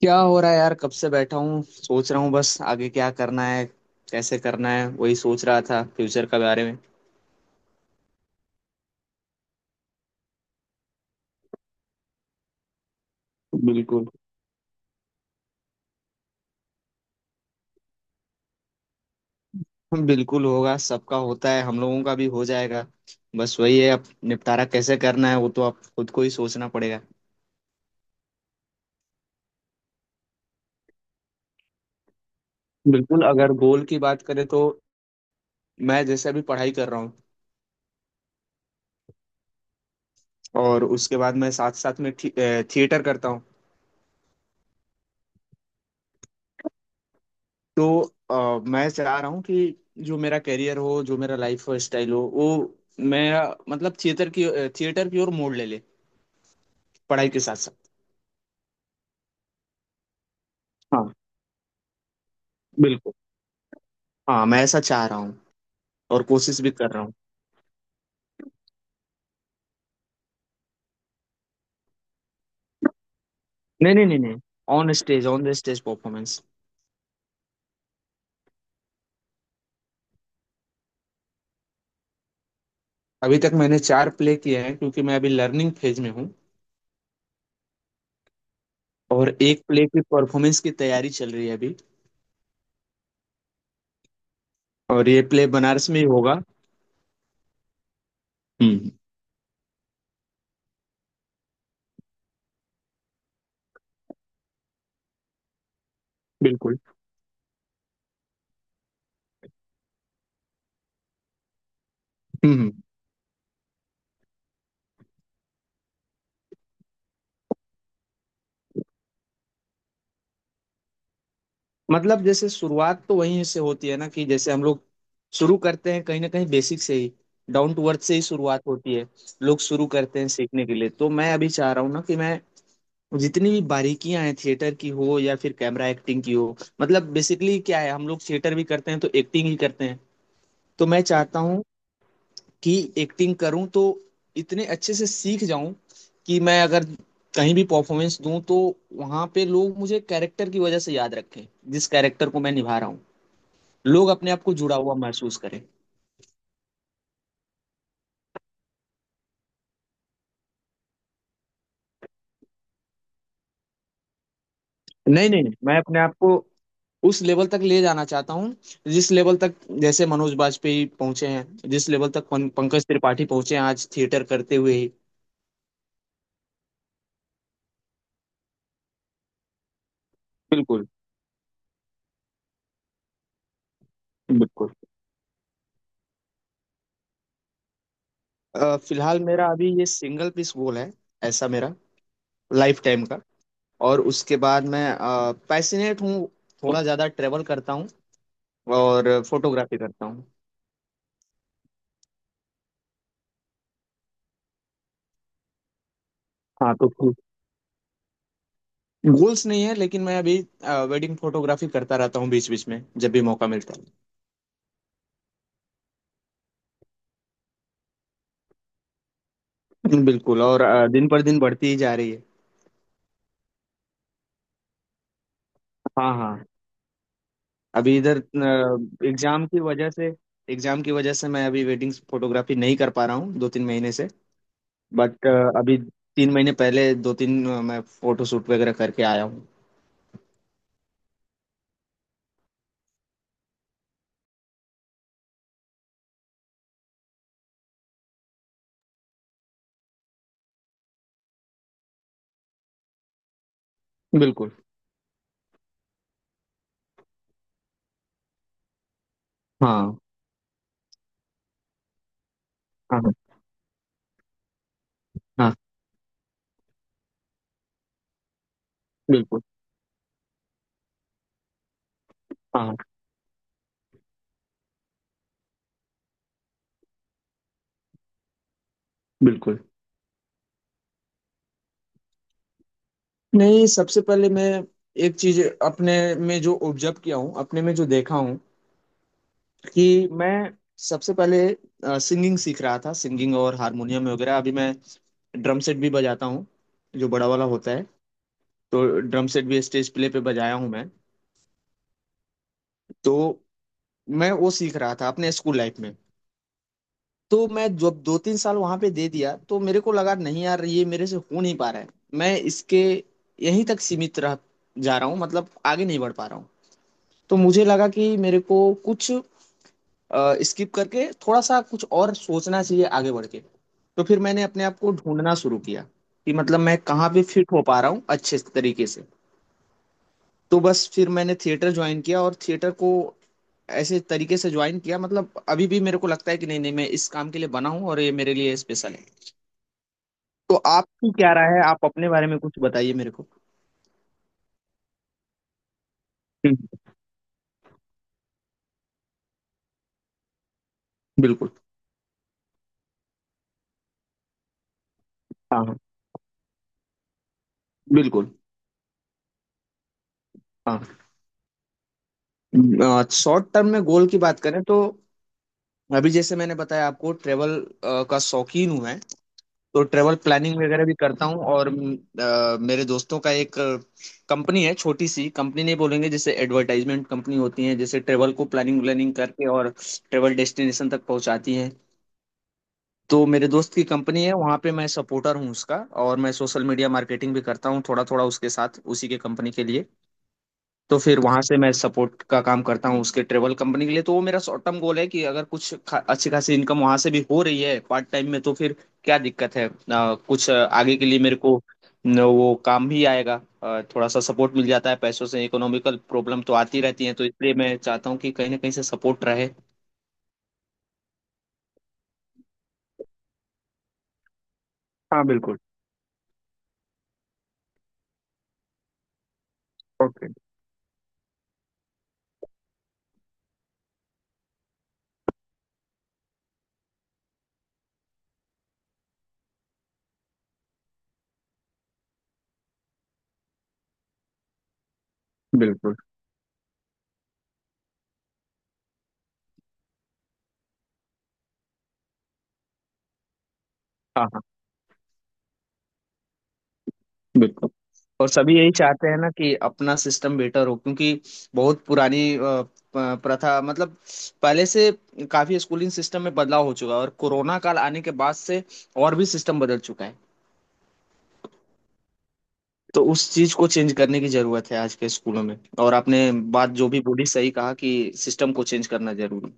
क्या हो रहा है यार। कब से बैठा हूँ सोच रहा हूँ बस आगे क्या करना है कैसे करना है वही सोच रहा था फ्यूचर के बारे में। बिल्कुल। बिल्कुल होगा सबका होता है हम लोगों का भी हो जाएगा। बस वही है अब निपटारा कैसे करना है वो तो आप खुद को ही सोचना पड़ेगा। बिल्कुल अगर गोल की बात करें तो मैं जैसे अभी पढ़ाई कर रहा हूँ और उसके बाद मैं साथ साथ में थिएटर करता हूँ। तो मैं चाह रहा हूँ कि जो मेरा करियर हो जो मेरा लाइफ स्टाइल हो वो मैं, मतलब थिएटर की ओर मोड़ ले ले पढ़ाई के साथ साथ। हाँ बिल्कुल। हाँ मैं ऐसा चाह रहा हूँ और कोशिश भी कर रहा हूँ। नहीं नहीं नहीं नहीं। On stage, on the stage performance. अभी तक मैंने चार प्ले किए हैं क्योंकि मैं अभी लर्निंग फेज में हूँ। और एक प्ले की परफॉर्मेंस की तैयारी चल रही है अभी। और ये प्ले बनारस में ही होगा। हम्म। बिल्कुल। हम्म। मतलब जैसे शुरुआत तो वहीं से होती है ना कि जैसे हम लोग शुरू करते हैं कहीं ना कहीं बेसिक से ही, डाउन टू अर्थ से ही शुरुआत होती है। लोग शुरू करते हैं सीखने के लिए तो मैं अभी चाह रहा हूँ ना कि मैं जितनी भी बारीकियां हैं थिएटर की हो या फिर कैमरा एक्टिंग की हो, मतलब बेसिकली क्या है हम लोग थिएटर भी करते हैं तो एक्टिंग ही करते हैं। तो मैं चाहता हूँ कि एक्टिंग करूँ तो इतने अच्छे से सीख जाऊं कि मैं अगर कहीं भी परफॉर्मेंस दूं तो वहां पे लोग मुझे कैरेक्टर की वजह से याद रखें, जिस कैरेक्टर को मैं निभा रहा हूँ, लोग अपने आप को जुड़ा हुआ महसूस करें। नहीं नहीं नहीं, मैं अपने आप को उस लेवल तक ले जाना चाहता हूँ जिस लेवल तक, जैसे मनोज बाजपेयी पहुंचे हैं, जिस लेवल तक पंकज त्रिपाठी पहुंचे हैं आज थिएटर करते हुए ही। बिल्कुल। बिल्कुल। फिलहाल मेरा अभी ये सिंगल पीस गोल है, ऐसा मेरा लाइफ टाइम का। और उसके बाद मैं पैसिनेट हूँ, थोड़ा ज़्यादा ट्रेवल करता हूँ और फोटोग्राफी करता हूँ। हाँ तो ठीक गोल्स नहीं है लेकिन मैं अभी वेडिंग फोटोग्राफी करता रहता हूँ बीच बीच में जब भी मौका मिलता है। बिल्कुल और दिन पर दिन बढ़ती ही जा रही है। हाँ हाँ। अभी इधर एग्जाम की वजह से, मैं अभी वेडिंग फोटोग्राफी नहीं कर पा रहा हूँ दो तीन महीने से। बट अभी तीन महीने पहले दो तीन, मैं फोटो शूट वगैरह करके आया हूँ। बिल्कुल। हाँ हाँ। हाँ हाँ, बिल्कुल। हाँ हाँ, बिल्कुल। नहीं सबसे पहले मैं एक चीज अपने में जो ऑब्जर्व किया हूँ, अपने में जो देखा हूँ कि मैं सबसे पहले सिंगिंग सीख रहा था, सिंगिंग और हारमोनियम वगैरह। अभी मैं ड्रम सेट भी बजाता हूँ, जो बड़ा वाला होता है। तो ड्रम सेट भी स्टेज प्ले पे बजाया हूँ मैं। तो मैं वो सीख रहा था अपने स्कूल लाइफ में। तो मैं जब दो तीन साल वहां पे दे दिया तो मेरे को लगा नहीं यार, ये मेरे से हो नहीं पा रहा है। मैं इसके यहीं तक सीमित रह जा रहा हूँ, मतलब आगे नहीं बढ़ पा रहा हूँ। तो मुझे लगा कि मेरे को कुछ स्किप करके थोड़ा सा कुछ और सोचना चाहिए आगे बढ़ के। तो फिर मैंने अपने आप को ढूंढना शुरू किया कि मतलब मैं कहाँ पे फिट हो पा रहा हूँ अच्छे तरीके से। तो बस फिर मैंने थिएटर ज्वाइन किया और थिएटर को ऐसे तरीके से ज्वाइन किया, मतलब अभी भी मेरे को लगता है कि नहीं नहीं मैं इस काम के लिए बना हूँ और ये मेरे लिए स्पेशल है। तो आपकी क्या राय है, आप अपने बारे में कुछ बताइए मेरे को। हम्म, बिल्कुल। हाँ हाँ। बिल्कुल। हाँ शॉर्ट टर्म में गोल की बात करें तो अभी जैसे मैंने बताया आपको, ट्रेवल का शौकीन हूँ मैं। तो ट्रेवल प्लानिंग वगैरह भी करता हूँ और मेरे दोस्तों का एक कंपनी है, छोटी सी कंपनी नहीं बोलेंगे, जैसे एडवर्टाइजमेंट कंपनी होती है, जैसे ट्रेवल को प्लानिंग व्लानिंग करके और ट्रेवल डेस्टिनेशन तक पहुंचाती है। तो मेरे दोस्त की कंपनी है, वहाँ पे मैं सपोर्टर हूँ उसका। और मैं सोशल मीडिया मार्केटिंग भी करता हूँ थोड़ा थोड़ा उसके साथ, उसी के कंपनी के लिए। तो फिर वहां से मैं सपोर्ट का काम करता हूँ उसके ट्रेवल कंपनी के लिए। तो वो मेरा शॉर्ट टर्म गोल है कि अगर कुछ अच्छी खासी इनकम वहां से भी हो रही है पार्ट टाइम में तो फिर क्या दिक्कत है। कुछ आगे के लिए मेरे को न, वो काम भी आएगा। थोड़ा सा सपोर्ट मिल जाता है पैसों से। इकोनॉमिकल प्रॉब्लम तो आती रहती है तो इसलिए मैं चाहता हूँ कि कहीं ना कहीं से सपोर्ट रहे। हाँ बिल्कुल। ओके। बिल्कुल। हाँ हाँ। बिल्कुल और सभी यही चाहते हैं ना कि अपना सिस्टम बेटर हो। क्योंकि बहुत पुरानी प्रथा, मतलब पहले से काफी स्कूलिंग सिस्टम में बदलाव हो चुका है, और कोरोना काल आने के बाद से और भी सिस्टम बदल चुका है। तो उस चीज को चेंज करने की जरूरत है आज के स्कूलों में। और आपने बात जो भी बोली सही कहा कि सिस्टम को चेंज करना जरूरी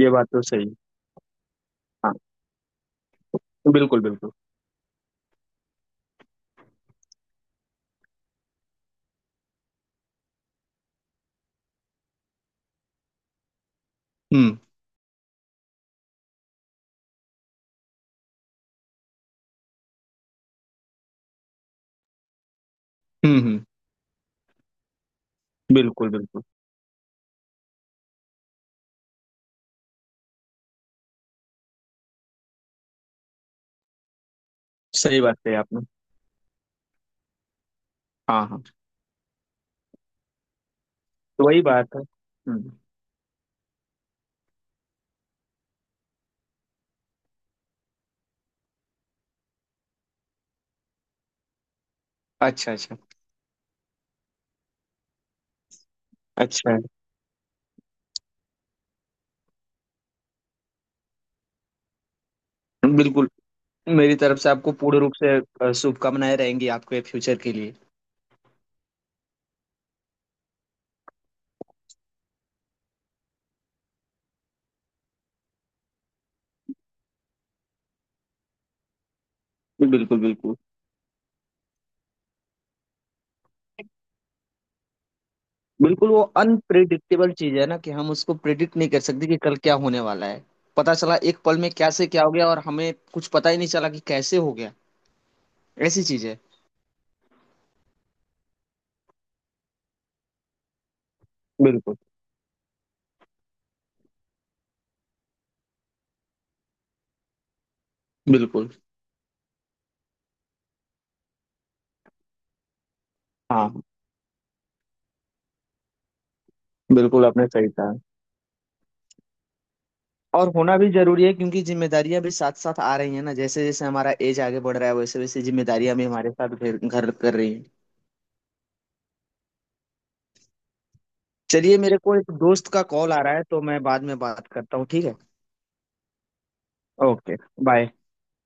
है। ये बात तो सही है। हाँ बिल्कुल बिल्कुल। हम्म हम्म। बिल्कुल बिल्कुल। सही बात कही आपने। हाँ हाँ। तो वही बात है। हम्म। अच्छा अच्छा। अच्छा। बिल्कुल। मेरी तरफ से आपको पूर्ण रूप से शुभकामनाएं रहेंगी आपके फ्यूचर के लिए। जी, बिल्कुल बिल्कुल। बिल्कुल वो अनप्रिडिक्टेबल चीज है ना कि हम उसको प्रिडिक्ट नहीं कर सकते कि कल क्या होने वाला है। पता चला एक पल में क्या से क्या हो गया और हमें कुछ पता ही नहीं चला कि कैसे हो गया। ऐसी चीज है। बिल्कुल बिल्कुल। हाँ बिल्कुल आपने सही कहा। और होना भी जरूरी है क्योंकि जिम्मेदारियां भी साथ साथ आ रही हैं ना। जैसे जैसे हमारा एज आगे बढ़ रहा है वैसे वैसे जिम्मेदारियां भी हमारे साथ घर घर कर रही हैं। चलिए मेरे को एक दोस्त का कॉल आ रहा है तो मैं बाद में बात करता हूँ, ठीक है। ओके। बाय।